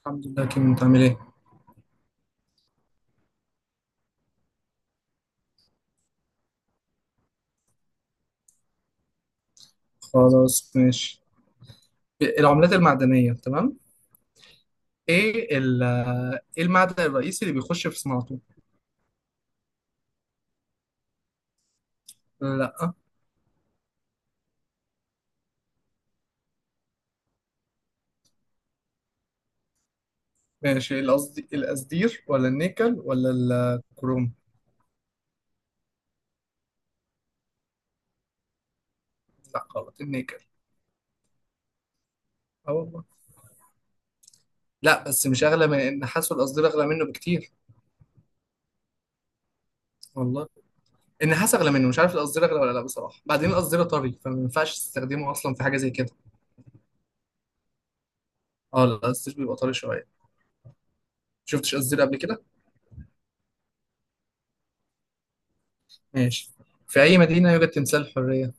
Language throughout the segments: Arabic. الحمد لله كيمو انت عامل ايه؟ خلاص ماشي. العملات المعدنية تمام؟ ايه ال- ايه المعدن الرئيسي اللي بيخش في صناعته؟ لا. ماشي، القصدير ولا النيكل ولا الكروم؟ لا غلط، النيكل. اه والله. لا بس مش اغلى من النحاس، والقصدير اغلى منه بكتير. والله النحاس اغلى منه، مش عارف القصدير اغلى ولا لا بصراحة. بعدين القصدير طري فما ينفعش تستخدمه اصلا في حاجة زي كده. اه لا، القصدير بيبقى طري شوية. شفتش قصدير قبل كده؟ ماشي. في اي مدينة يوجد تمثال الحرية؟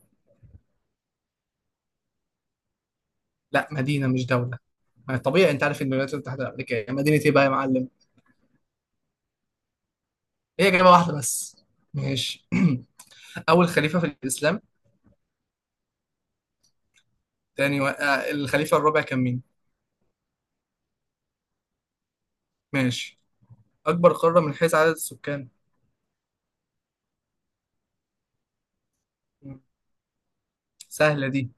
لا، مدينة مش دولة. ما طبيعي انت عارف ان الولايات المتحده الامريكيه مدينه ايه بقى يا معلم. هي جابه واحده بس. ماشي. اول خليفه في الاسلام. تاني و... آه، الخليفه الرابع كان مين. ماشي. اكبر قاره من حيث عدد السكان. مم. سهله دي.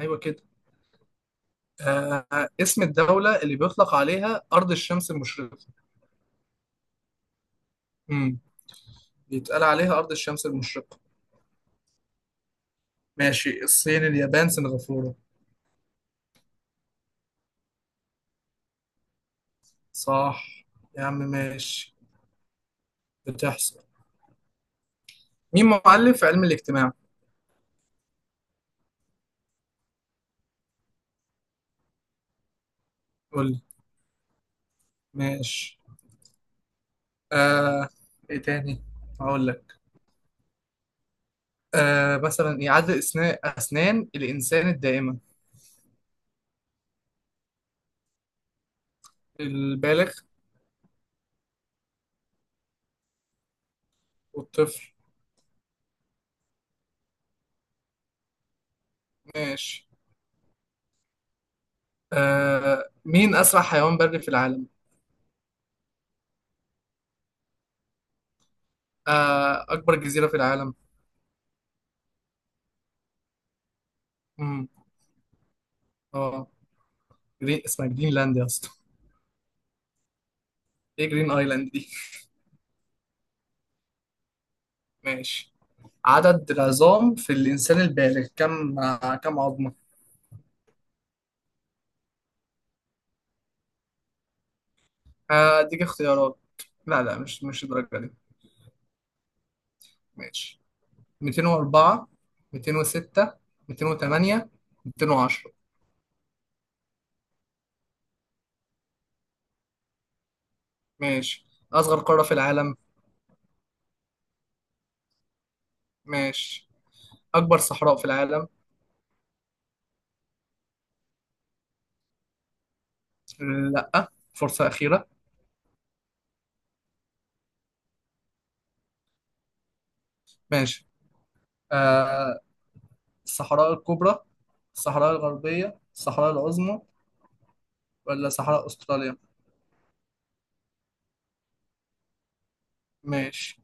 ايوه كده. اسم الدوله اللي بيطلق عليها ارض الشمس المشرقه. امم. بيتقال عليها ارض الشمس المشرقه. ماشي، الصين، اليابان، سنغافوره. صح. يا عم ماشي. بتحصل. مين مؤلف علم الاجتماع. قول لي. ماشي. آه ايه تاني. هقول لك. مثلا إيه؟ عدد اسنان الانسان الدائمه. البالغ والطفل. ماشي. مين اسرع حيوان بري في العالم. اكبر جزيره في العالم. امم. اه، جرين اسمها جرينلاند يا اسطى. ايه جرين ايلاند دي. ماشي. عدد العظام في الانسان البالغ كم عظمه. اديك اختيارات. لا لا، مش الدرجه دي. ماشي. 204، 206، 208، 210. ماشي. أصغر قارة في العالم. ماشي. أكبر صحراء في العالم. لأ، فرصة أخيرة. ماشي. آه الصحراء الكبرى، الصحراء الغربية، الصحراء العظمى، ولا صحراء أستراليا. ماشي.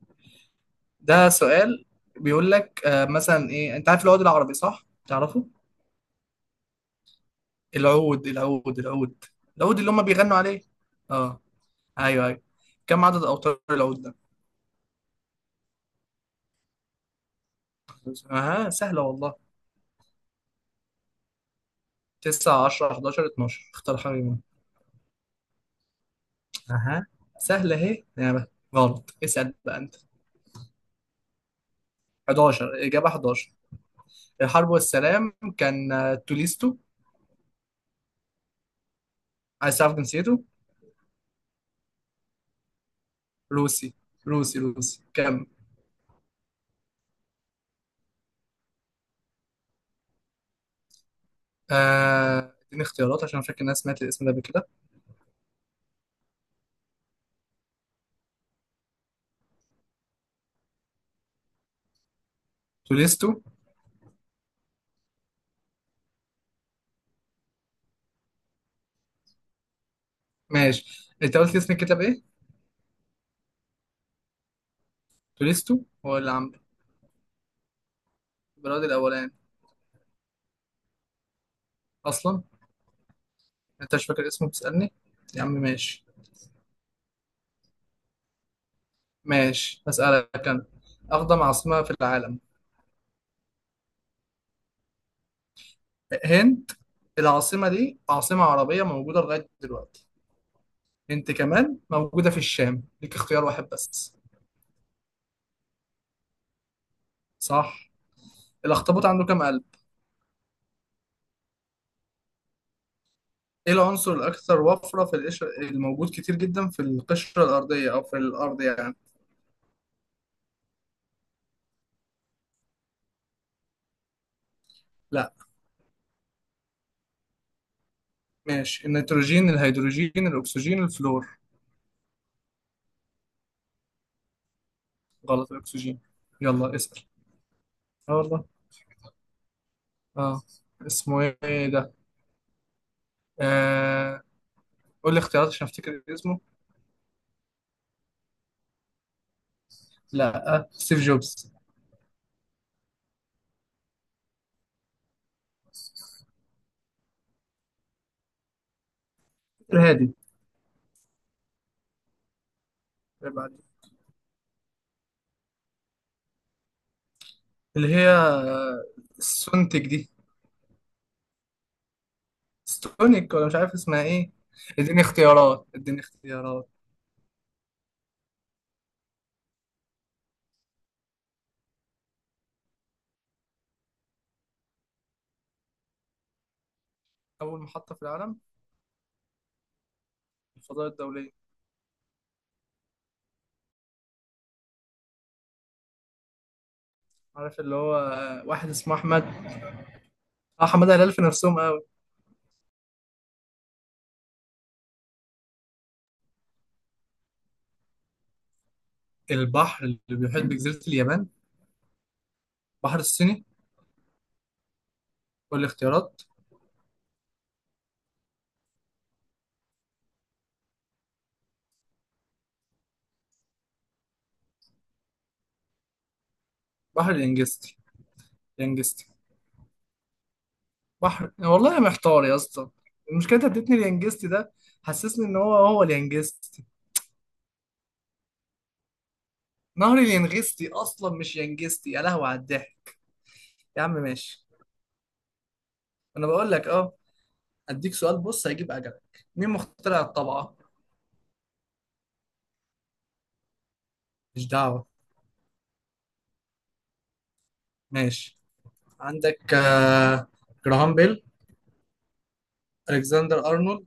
ده سؤال. بيقول لك مثلا إيه، أنت عارف العود العربي صح؟ تعرفه؟ العود العود العود. العود اللي هم بيغنوا عليه. اه. ايوه ايوه. كم عدد اوتار العود. اها سهله والله. 9، 10، 11، 12، اختار حاجه منهم. اها سهله اهي يعني. غلط. اسال بقى انت. 11 اجابه، 11. الحرب والسلام كان توليستو. عايز تعرف جنسيته. روسي. روسي روسي كم. اديني اختيارات عشان أنا فاكر ان انا سمعت الاسم ده قبل كده. توليستو. ماشي، انت قلت لي اسم الكتاب ايه. توليستو هو اللي عامله. البراد الاولاني اصلا. انت مش فاكر اسمه بتسالني. يا عم ماشي. ماشي، هسالك انا. أقدم عاصمة في العالم. هند. العاصمة دي عاصمة عربية موجودة لغاية دلوقتي. هند كمان موجودة في الشام. ليك اختيار واحد بس. صح. الأخطبوط عنده كام قلب؟ إيه العنصر الأكثر وفرة في القشرة، الموجود كتير جدا في القشرة الأرضية أو في الأرض يعني؟ لا. ماشي، النيتروجين، الهيدروجين، الأكسجين، الفلور. غلط، الأكسجين. يلا اسأل. اه والله. اه. اسمه ايه ده؟ آه... قول لي اختيارات عشان افتكر اسمه. لا، سيف جوبز. الهادي. اللي هي السونتك دي. ستونيك، ولا مش عارف اسمها ايه. اديني اختيارات، اديني اختيارات. اول محطة في العالم. الفضاء الدولية. عارف اللي هو واحد اسمه احمد. اه، حماده هلال في نفسهم قوي. البحر اللي بيحيط بجزيرة اليابان. بحر الصيني. والاختيارات. بحر اليانجستي. اليانجستي. بحر، والله انا محتار يا اسطى. المشكلة انت اديتني اليانجستي ده، حسسني ان هو هو اليانجستي. نهر اليانجستي اصلا، مش يانجستي، يا لهوي على الضحك. يا عم ماشي. انا بقول لك اه. اديك سؤال، بص هيجيب اجلك. مين مخترع الطبعة. مش دعوة. ماشي. عندك جراهام بيل، الكسندر ارنولد،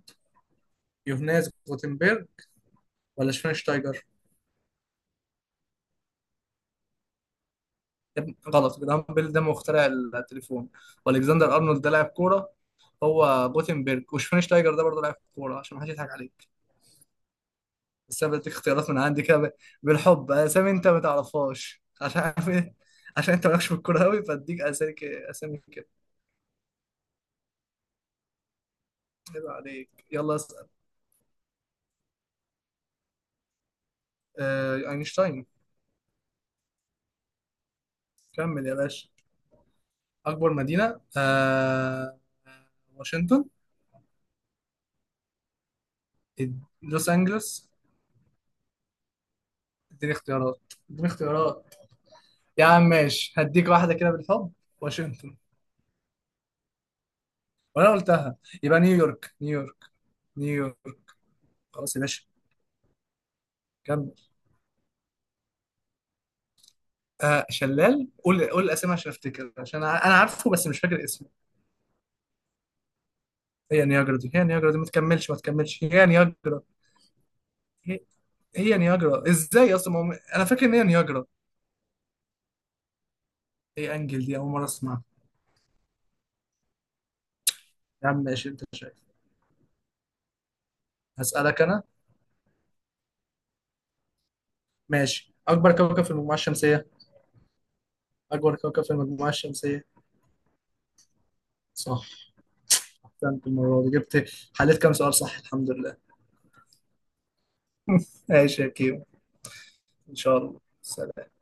يوهانس جوتنبرج، ولا شفاينشتايجر. يا ابني، غلط، جراهام بيل ده مخترع التليفون، والكسندر ارنولد ده لاعب كورة. هو جوتنبرج. وشفاينشتايجر ده برضه لاعب كورة، عشان ما حدش يضحك عليك. بس انا بديك اختيارات من عندي كده بالحب. اسامي انت ما تعرفهاش عشان عارف إيه؟ عشان انت مالكش في الكورة قوي، فاديك اسامي كده. عيب عليك، يلا اسال. اينشتاين. كمل يا باشا. أكبر مدينة واشنطن. إد- لوس أنجلوس. اديني اختيارات، اديني اختيارات. يا عم ماشي، هديك واحدة كده بالحب. واشنطن. وأنا قلتها. يبقى نيويورك. نيويورك، نيويورك. خلاص يا باشا. كمل. شلال، قول قول الأسامي عشان أفتكر، عشان أنا عارفه بس مش فاكر اسمه. هي نياجرا دي، هي نياجرا دي، ما تكملش ما تكملش، هي نياجرا. هي, هي نياجرا إزاي أصلا، ما هو- أنا فاكر إن هي نياجرا. هي أنجل دي أول مرة أسمعها. يا عم ماشي، أنت شايف. هسألك أنا. ماشي، أكبر كوكب في المجموعة الشمسية. أكبر كوكب في المجموعة الشمسية. صح، أحسنت. المرة دي جبت. حليت كام سؤال صح، الحمد لله. ماشي يا كيمو. إن شاء الله، سلام.